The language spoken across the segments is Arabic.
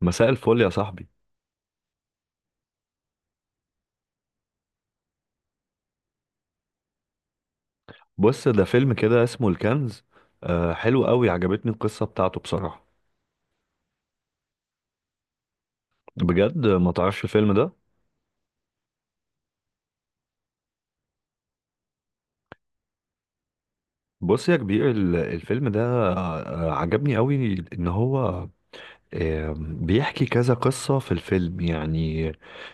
مساء الفل يا صاحبي. بص ده فيلم كده اسمه الكنز. آه حلو قوي، عجبتني القصة بتاعته بصراحة. بجد ما تعرفش الفيلم ده؟ بص يا كبير الفيلم ده آه عجبني قوي. ان هو آه بيحكي كذا قصة في الفيلم يعني،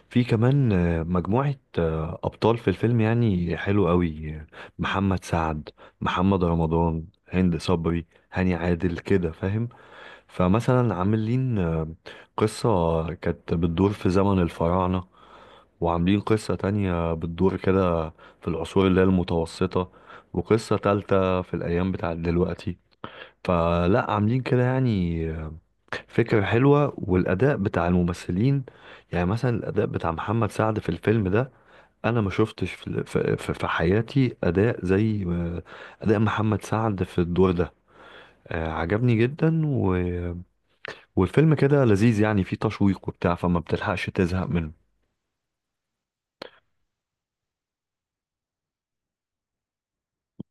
في كمان مجموعة ابطال في الفيلم يعني حلو قوي. محمد سعد، محمد رمضان، هند صبري، هاني عادل، كده فاهم؟ فمثلا عاملين قصة كانت بتدور في زمن الفراعنة، وعاملين قصة تانية بتدور كده في العصور اللي هي المتوسطة، وقصة تالتة في الأيام بتاعت دلوقتي. فلا عاملين كده يعني فكرة حلوة. والأداء بتاع الممثلين يعني مثلا الأداء بتاع محمد سعد في الفيلم ده، أنا ما شفتش في حياتي أداء زي أداء محمد سعد في الدور ده. عجبني جدا. والفيلم كده لذيذ يعني فيه تشويق وبتاع، فما بتلحقش تزهق منه.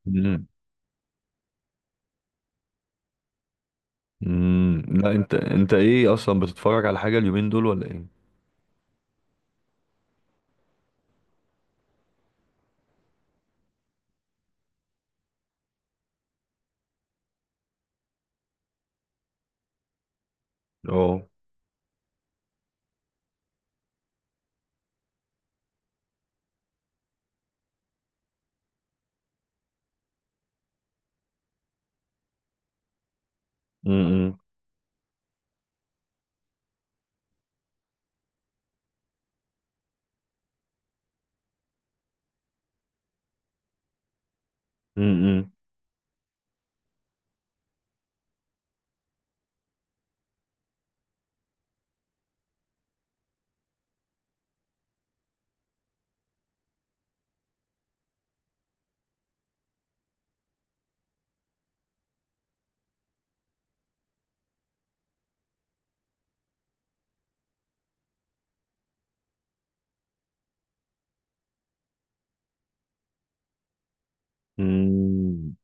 امم لا، انت ايه اصلا بتتفرج على حاجة اليومين دول ولا ايه؟ اه. امم امم امم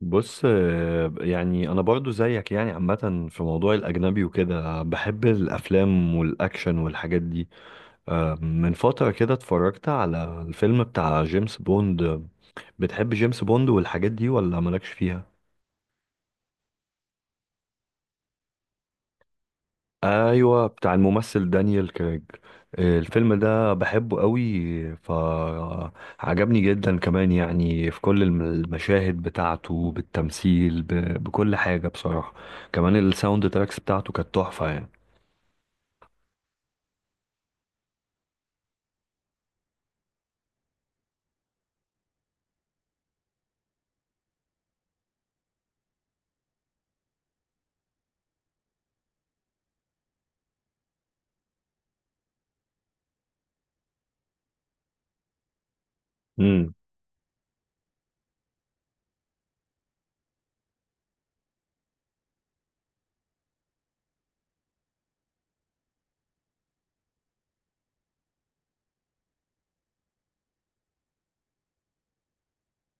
بص، يعني انا برضو زيك يعني، عامة في موضوع الاجنبي وكده بحب الافلام والاكشن والحاجات دي. من فترة كده اتفرجت على الفيلم بتاع جيمس بوند. بتحب جيمس بوند والحاجات دي ولا مالكش فيها؟ ايوه، بتاع الممثل دانيال كريج. الفيلم ده بحبه قوي. فعجبني جدا كمان يعني في كل المشاهد بتاعته، بالتمثيل، بكل حاجة بصراحة. كمان الساوند تراكس بتاعته كانت تحفة يعني. امم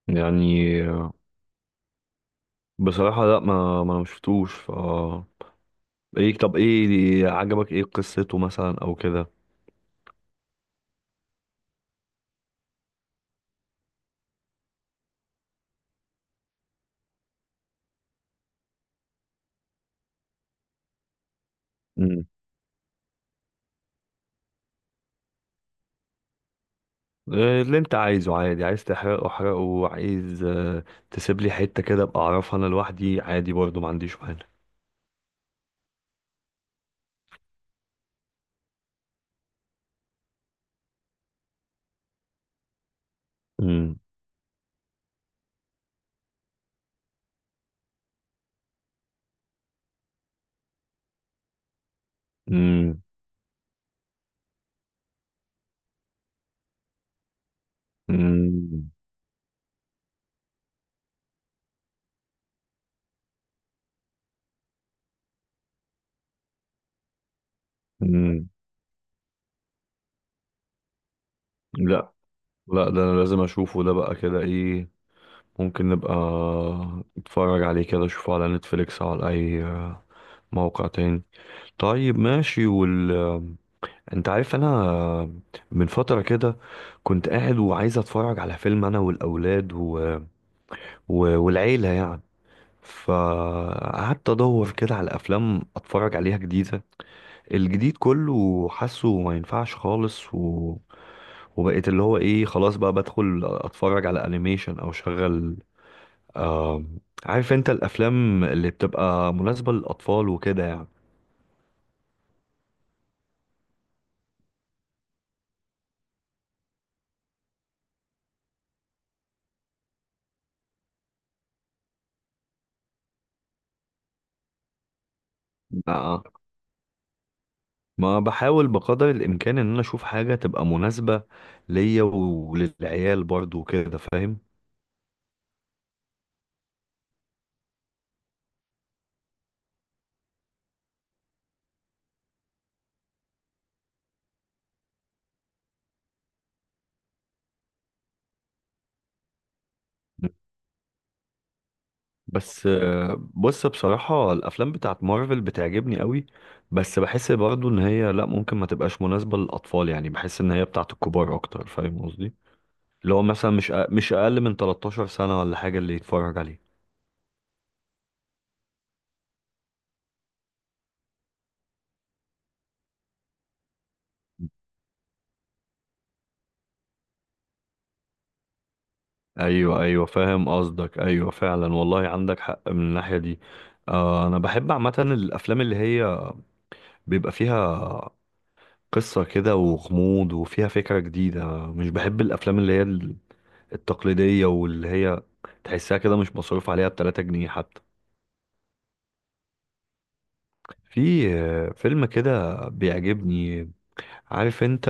يعني بصراحة لا، ما شفتوش ف... ايه؟ طب ايه عجبك، ايه قصته مثلا او كده؟ اللي انت عايزه عادي، عايز تحرقه احرقه، عايز تسيب لي حتة كده ابقى اعرفها انا لوحدي عادي، برضه ما عنديش مانع. مم. مم. مم. مم. لا. لا، ده انا لازم اشوفه ده بقى كده ايه. ممكن نبقى نتفرج عليه كده، اشوفه على نتفليكس او على اي موقع تاني. طيب ماشي. وال... انت عارف انا من فترة كده كنت قاعد وعايز اتفرج على فيلم انا والاولاد و... و... والعيلة يعني، فقعدت ادور كده على افلام اتفرج عليها جديده. الجديد كله حاسه ما ينفعش خالص و... وبقيت اللي هو ايه، خلاص بقى بدخل اتفرج على انيميشن او شغل، آم... عارف انت، الافلام اللي بتبقى مناسبه للاطفال وكده يعني. اه، ما بحاول بقدر الامكان ان انا اشوف حاجه تبقى مناسبه ليا وللعيال برضو وكده فاهم. بس بص بصراحة الأفلام بتاعت مارفل بتعجبني قوي. بس بحس برضو إن هي لأ ممكن ما تبقاش مناسبة للأطفال، يعني بحس إن هي بتاعت الكبار أكتر، فاهم قصدي؟ اللي هو مثلا مش أقل من 13 سنة ولا حاجة اللي يتفرج عليه. أيوه أيوه فاهم قصدك، أيوه فعلا والله عندك حق من الناحية دي. آه، أنا بحب عامة الأفلام اللي هي بيبقى فيها قصة كده وغموض وفيها فكرة جديدة. مش بحب الأفلام اللي هي التقليدية واللي هي تحسها كده مش مصروف عليها بتلاتة جنيه حتى. في فيلم كده بيعجبني، عارف انت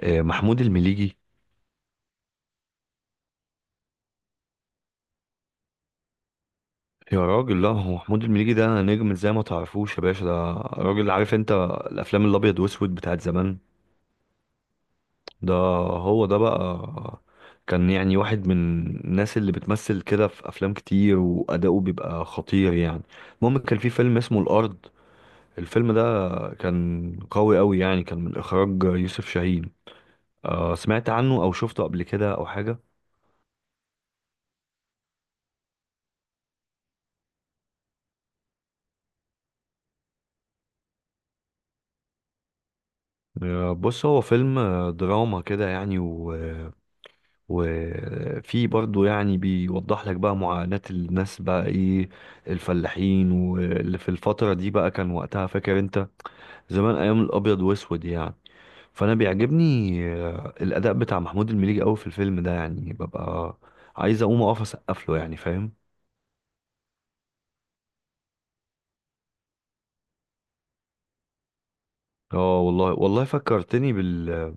محمود المليجي؟ يا راجل لا، هو محمود المليجي ده نجم، ازاي ما تعرفوش يا باشا؟ ده راجل، عارف انت الافلام الابيض واسود بتاعت زمان؟ ده هو ده بقى، كان يعني واحد من الناس اللي بتمثل كده في افلام كتير واداؤه بيبقى خطير يعني. المهم، كان في فيلم اسمه الارض. الفيلم ده كان قوي قوي يعني، كان من اخراج يوسف شاهين. سمعت عنه او شفته قبل كده او حاجه؟ بص هو فيلم دراما كده يعني، و وفي برضه يعني بيوضح لك بقى معاناة الناس بقى، ايه الفلاحين واللي في الفترة دي بقى، كان وقتها فاكر انت زمان ايام الابيض واسود يعني. فانا بيعجبني الاداء بتاع محمود المليجي قوي في الفيلم ده، يعني ببقى عايز اقوم اقف اسقف له يعني، فاهم؟ اه والله والله، فكرتني بال...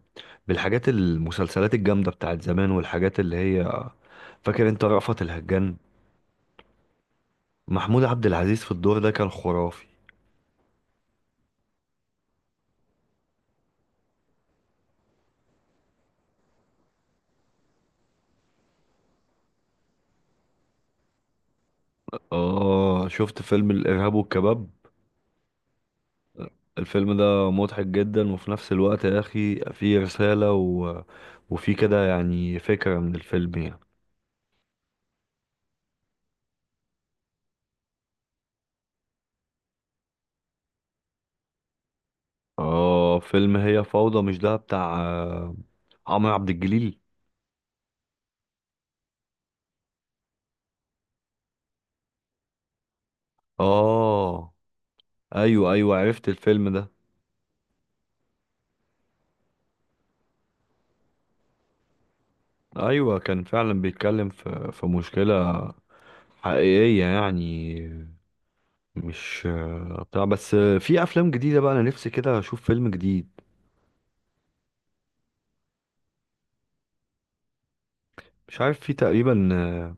بالحاجات المسلسلات الجامدة بتاعت زمان والحاجات اللي هي، فاكر انت رأفت الهجان؟ محمود عبد العزيز في الدور ده كان خرافي. اه، شفت فيلم الإرهاب والكباب؟ الفيلم ده مضحك جدا وفي نفس الوقت يا أخي فيه رسالة و... وفيه كده يعني فكرة من الفيلم يعني. اه فيلم هي فوضى، مش ده بتاع عمرو عبد الجليل؟ اه ايوه ايوه، عرفت الفيلم ده. ايوه كان فعلا بيتكلم في في مشكله حقيقيه يعني، مش بتاع بس. في افلام جديده بقى انا نفسي كده اشوف فيلم جديد. مش عارف، في تقريبا آه،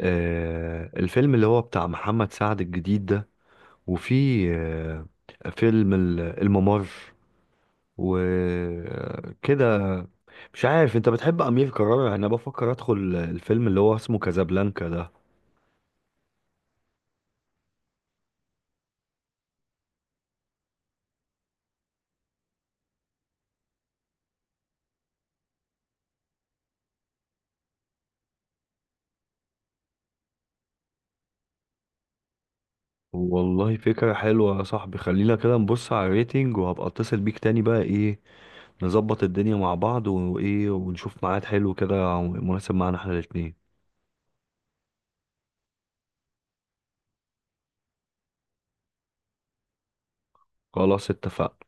آه، الفيلم اللي هو بتاع محمد سعد الجديد ده، وفي آه، فيلم الممر وكده. مش عارف انت بتحب امير كرارة؟ يعني انا بفكر ادخل الفيلم اللي هو اسمه كازابلانكا ده. والله فكرة حلوة يا صاحبي، خلينا كده نبص على الريتنج وهبقى اتصل بيك تاني بقى ايه، نظبط الدنيا مع بعض وايه ونشوف ميعاد حلو كده مناسب معانا احنا الاتنين. خلاص اتفقنا.